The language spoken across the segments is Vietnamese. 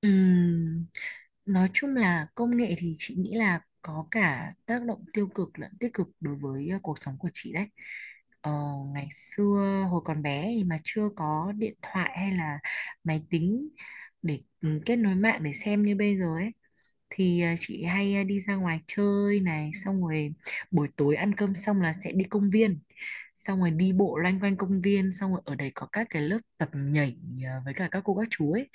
Ừm, nói chung là công nghệ thì chị nghĩ là có cả tác động tiêu cực lẫn tích cực đối với cuộc sống của chị đấy. Ờ, Ngày xưa hồi còn bé thì mà chưa có điện thoại hay là máy tính để kết nối mạng để xem như bây giờ ấy thì chị hay đi ra ngoài chơi này, xong rồi buổi tối ăn cơm xong là sẽ đi công viên, xong rồi đi bộ loanh quanh công viên, xong rồi ở đấy có các cái lớp tập nhảy với cả các cô các chú ấy,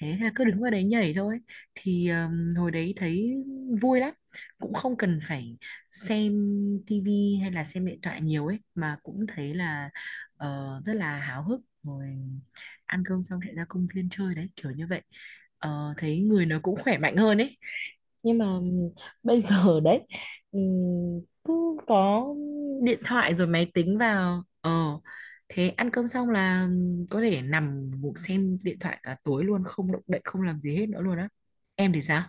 thế là cứ đứng vào đấy nhảy thôi. thì à, hồi đấy thấy vui lắm, cũng không cần phải xem tivi hay là xem điện thoại nhiều ấy mà cũng thấy là rất là háo hức rồi, ăn cơm xong sẽ ra công viên chơi đấy, kiểu như vậy. Ờ, thấy người nó cũng khỏe mạnh hơn ấy. Nhưng mà bây giờ đấy, cứ có điện thoại rồi máy tính vào, thế ăn cơm xong là có thể nằm ngủ xem điện thoại cả tối luôn, không động đậy, không làm gì hết nữa luôn á. Em thì sao?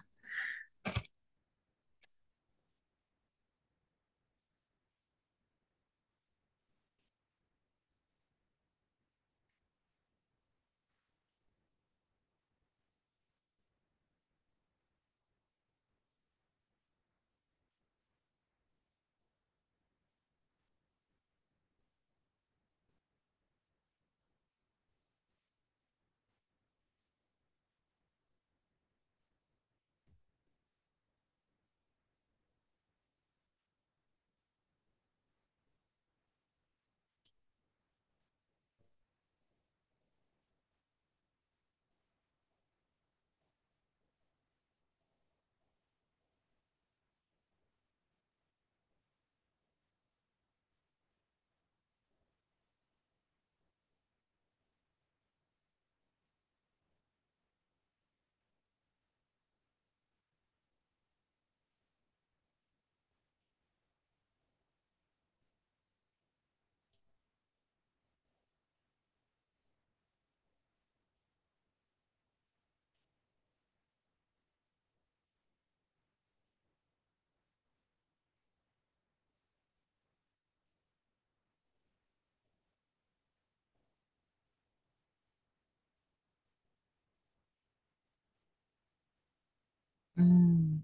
Ừm,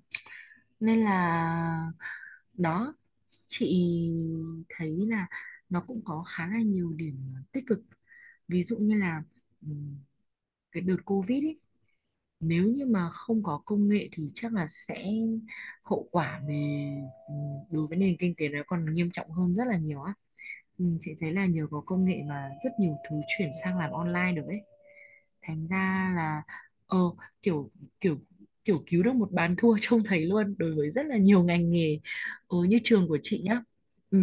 Nên là đó, chị thấy là nó cũng có khá là nhiều điểm tích cực. Ví dụ như là ừm, cái đợt Covid ý, nếu như mà không có công nghệ thì chắc là sẽ hậu quả về ừ, đối với nền kinh tế nó còn nghiêm trọng hơn rất là nhiều á. Ừ, chị thấy là nhờ có công nghệ mà rất nhiều thứ chuyển sang làm online được ấy, thành ra là ờ kiểu, kiểu kiểu cứu được một bàn thua trông thấy luôn đối với rất là nhiều ngành nghề. Ờ, như trường của chị nhá. Ừ,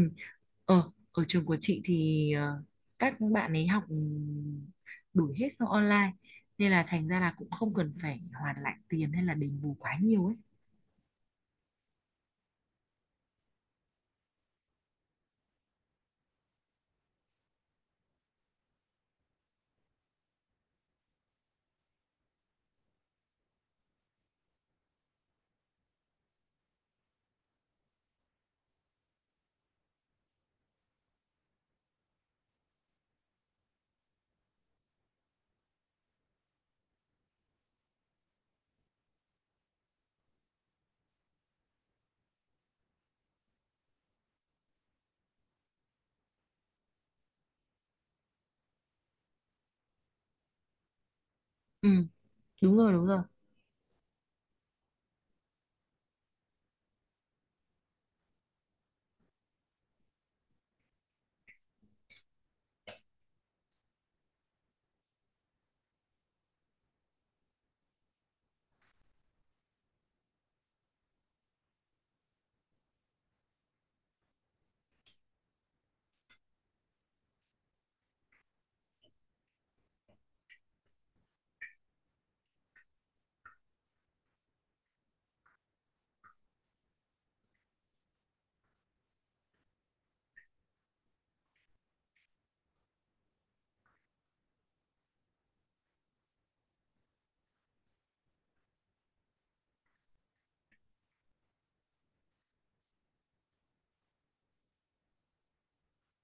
ờ ở trường của chị thì các bạn ấy học đủ hết sang online, nên là thành ra là cũng không cần phải hoàn lại tiền hay là đền bù quá nhiều ấy. Ừ, đúng rồi, đúng rồi.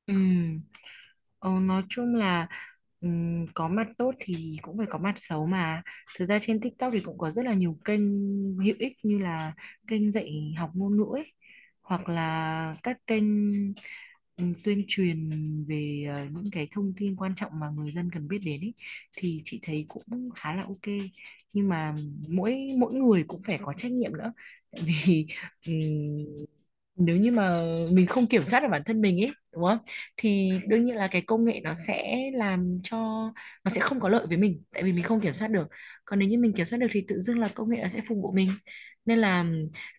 Ừ. Ờ, nói chung là có mặt tốt thì cũng phải có mặt xấu mà. Thực ra trên TikTok thì cũng có rất là nhiều kênh hữu ích, như là kênh dạy học ngôn ngữ ấy, hoặc là các kênh tuyên truyền về những cái thông tin quan trọng mà người dân cần biết đến ấy, thì chị thấy cũng khá là ok. Nhưng mà mỗi mỗi người cũng phải có trách nhiệm nữa. Tại vì ừm, nếu như mà mình không kiểm soát được bản thân mình ấy, đúng không? Thì đương nhiên là cái công nghệ nó sẽ làm cho nó sẽ không có lợi với mình, tại vì mình không kiểm soát được. Còn nếu như mình kiểm soát được thì tự dưng là công nghệ nó sẽ phục vụ mình. Nên là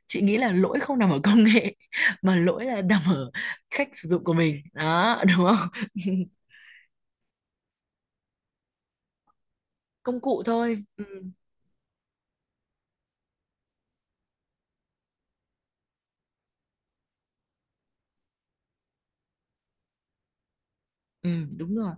chị nghĩ là lỗi không nằm ở công nghệ mà lỗi là nằm ở cách sử dụng của mình đó, đúng không? Công cụ thôi. Ừ, ừ đúng rồi.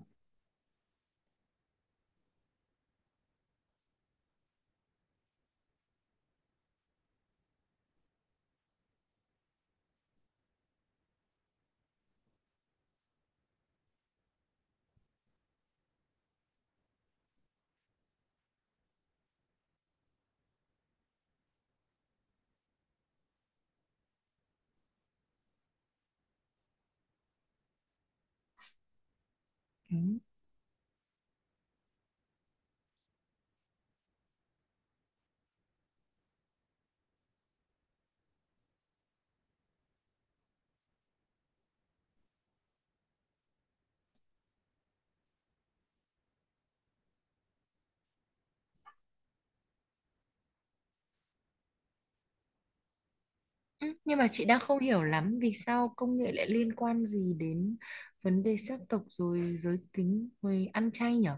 Ừ. Ừ, nhưng mà chị đang không hiểu lắm vì sao công nghệ lại liên quan gì đến vấn đề sắc tộc rồi giới tính rồi ăn chay nhở.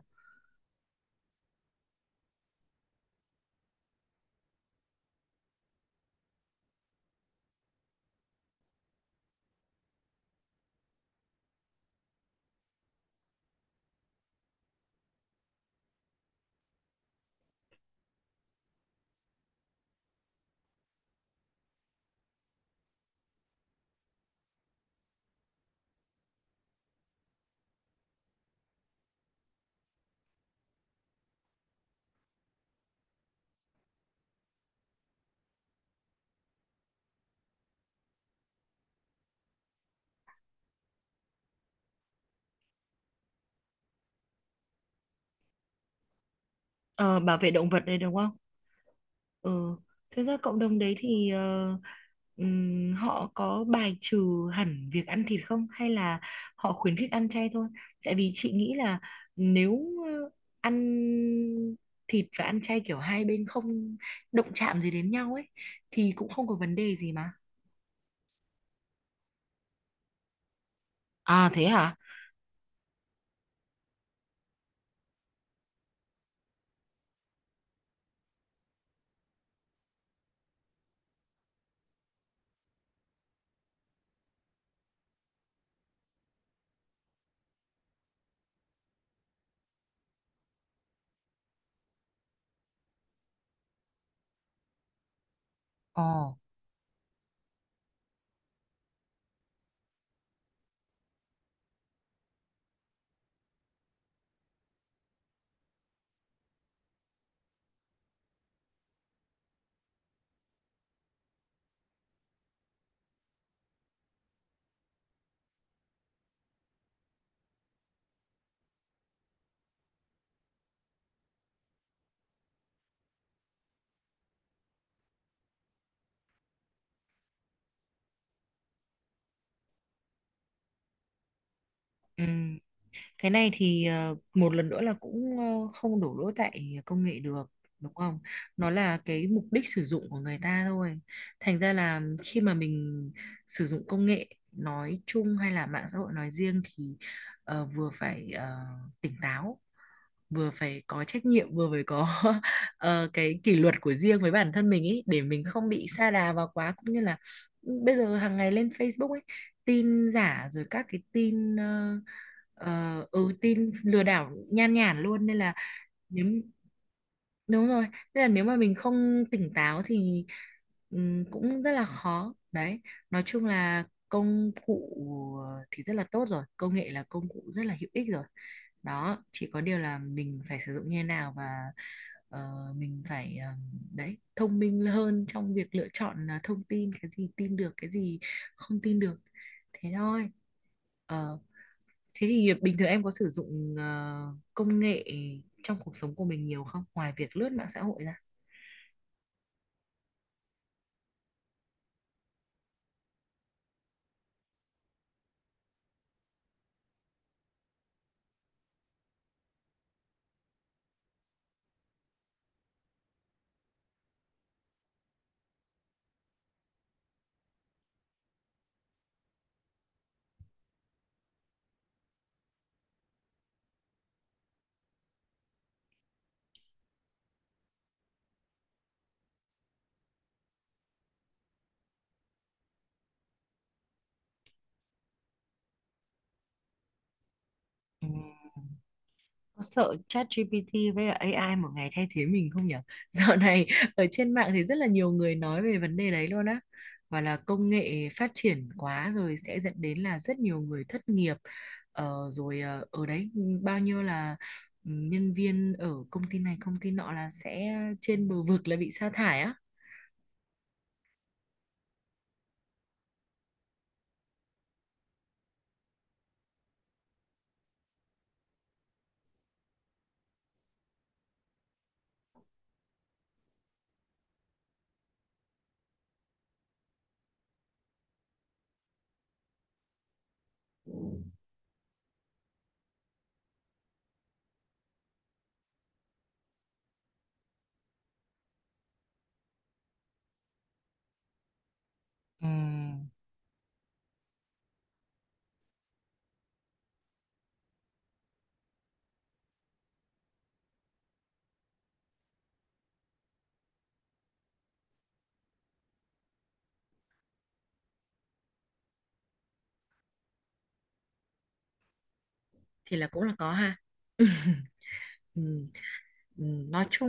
Ờ, bảo vệ động vật đây đúng không? Ừ. Thực ra cộng đồng đấy thì họ có bài trừ hẳn việc ăn thịt không, hay là họ khuyến khích ăn chay thôi? Tại vì chị nghĩ là nếu ờ, ăn thịt và ăn chay kiểu hai bên không động chạm gì đến nhau ấy thì cũng không có vấn đề gì mà. À thế hả? Ồ. Ừ. Cái này thì một lần nữa là cũng không đổ lỗi tại công nghệ được, đúng không? Nó là cái mục đích sử dụng của người ta thôi. Thành ra là khi mà mình sử dụng công nghệ nói chung hay là mạng xã hội nói riêng thì vừa phải tỉnh táo, vừa phải có trách nhiệm, vừa phải có cái kỷ luật của riêng với bản thân mình ấy, để mình không bị sa đà vào quá, cũng như là ừ, bây giờ hàng ngày lên Facebook ấy, tin giả rồi các cái tin ừ tin lừa đảo nhan nhản luôn, nên là nếu đúng rồi, nên là nếu mà mình không tỉnh táo thì cũng rất là khó đấy. Nói chung là công cụ thì rất là tốt rồi, công nghệ là công cụ rất là hữu ích rồi đó, chỉ có điều là mình phải sử dụng như thế nào, và ờ, mình phải đấy, thông minh hơn trong việc lựa chọn thông tin, cái gì tin được, cái gì không tin được, thế thôi. Ờ, thế thì bình thường em có sử dụng công nghệ trong cuộc sống của mình nhiều không? Ngoài việc lướt mạng xã hội ra. Ừ, có sợ chat ChatGPT với cả AI một ngày thay thế mình không nhỉ? Dạo này ở trên mạng thì rất là nhiều người nói về vấn đề đấy luôn á. Và là công nghệ phát triển quá rồi sẽ dẫn đến là rất nhiều người thất nghiệp. Ờ, rồi ở đấy bao nhiêu là ừ, nhân viên ở công ty này công ty nọ là sẽ trên bờ vực là bị sa thải á. Ừ. Thì là cũng là có ha. Ừ, ừ, nói chung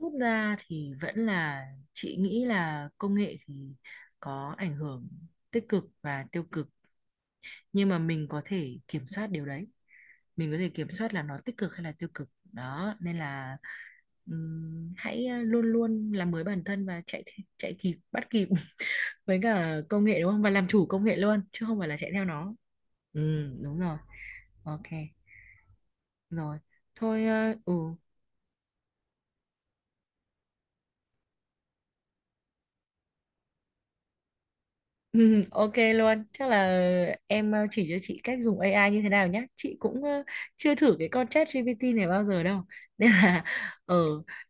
rút ra thì vẫn là chị nghĩ là công nghệ thì có ảnh hưởng tích cực và tiêu cực, nhưng mà mình có thể kiểm soát điều đấy, mình có thể kiểm soát là nó tích cực hay là tiêu cực đó, nên là hãy luôn luôn làm mới bản thân và chạy kịp, bắt kịp với cả công nghệ đúng không, và làm chủ công nghệ luôn chứ không phải là chạy theo nó. Ừ đúng rồi, ok rồi. Thôi ừ. Ừ, ok luôn. Chắc là em chỉ cho chị cách dùng AI như thế nào nhé. Chị cũng chưa thử cái con chat ChatGPT này bao giờ đâu. Nên là ờ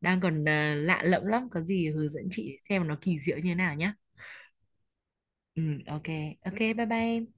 đang còn lạ lẫm lắm. Có gì hướng dẫn chị xem nó kỳ diệu như thế nào nhé. Ừ, ok. Ok, bye bye em.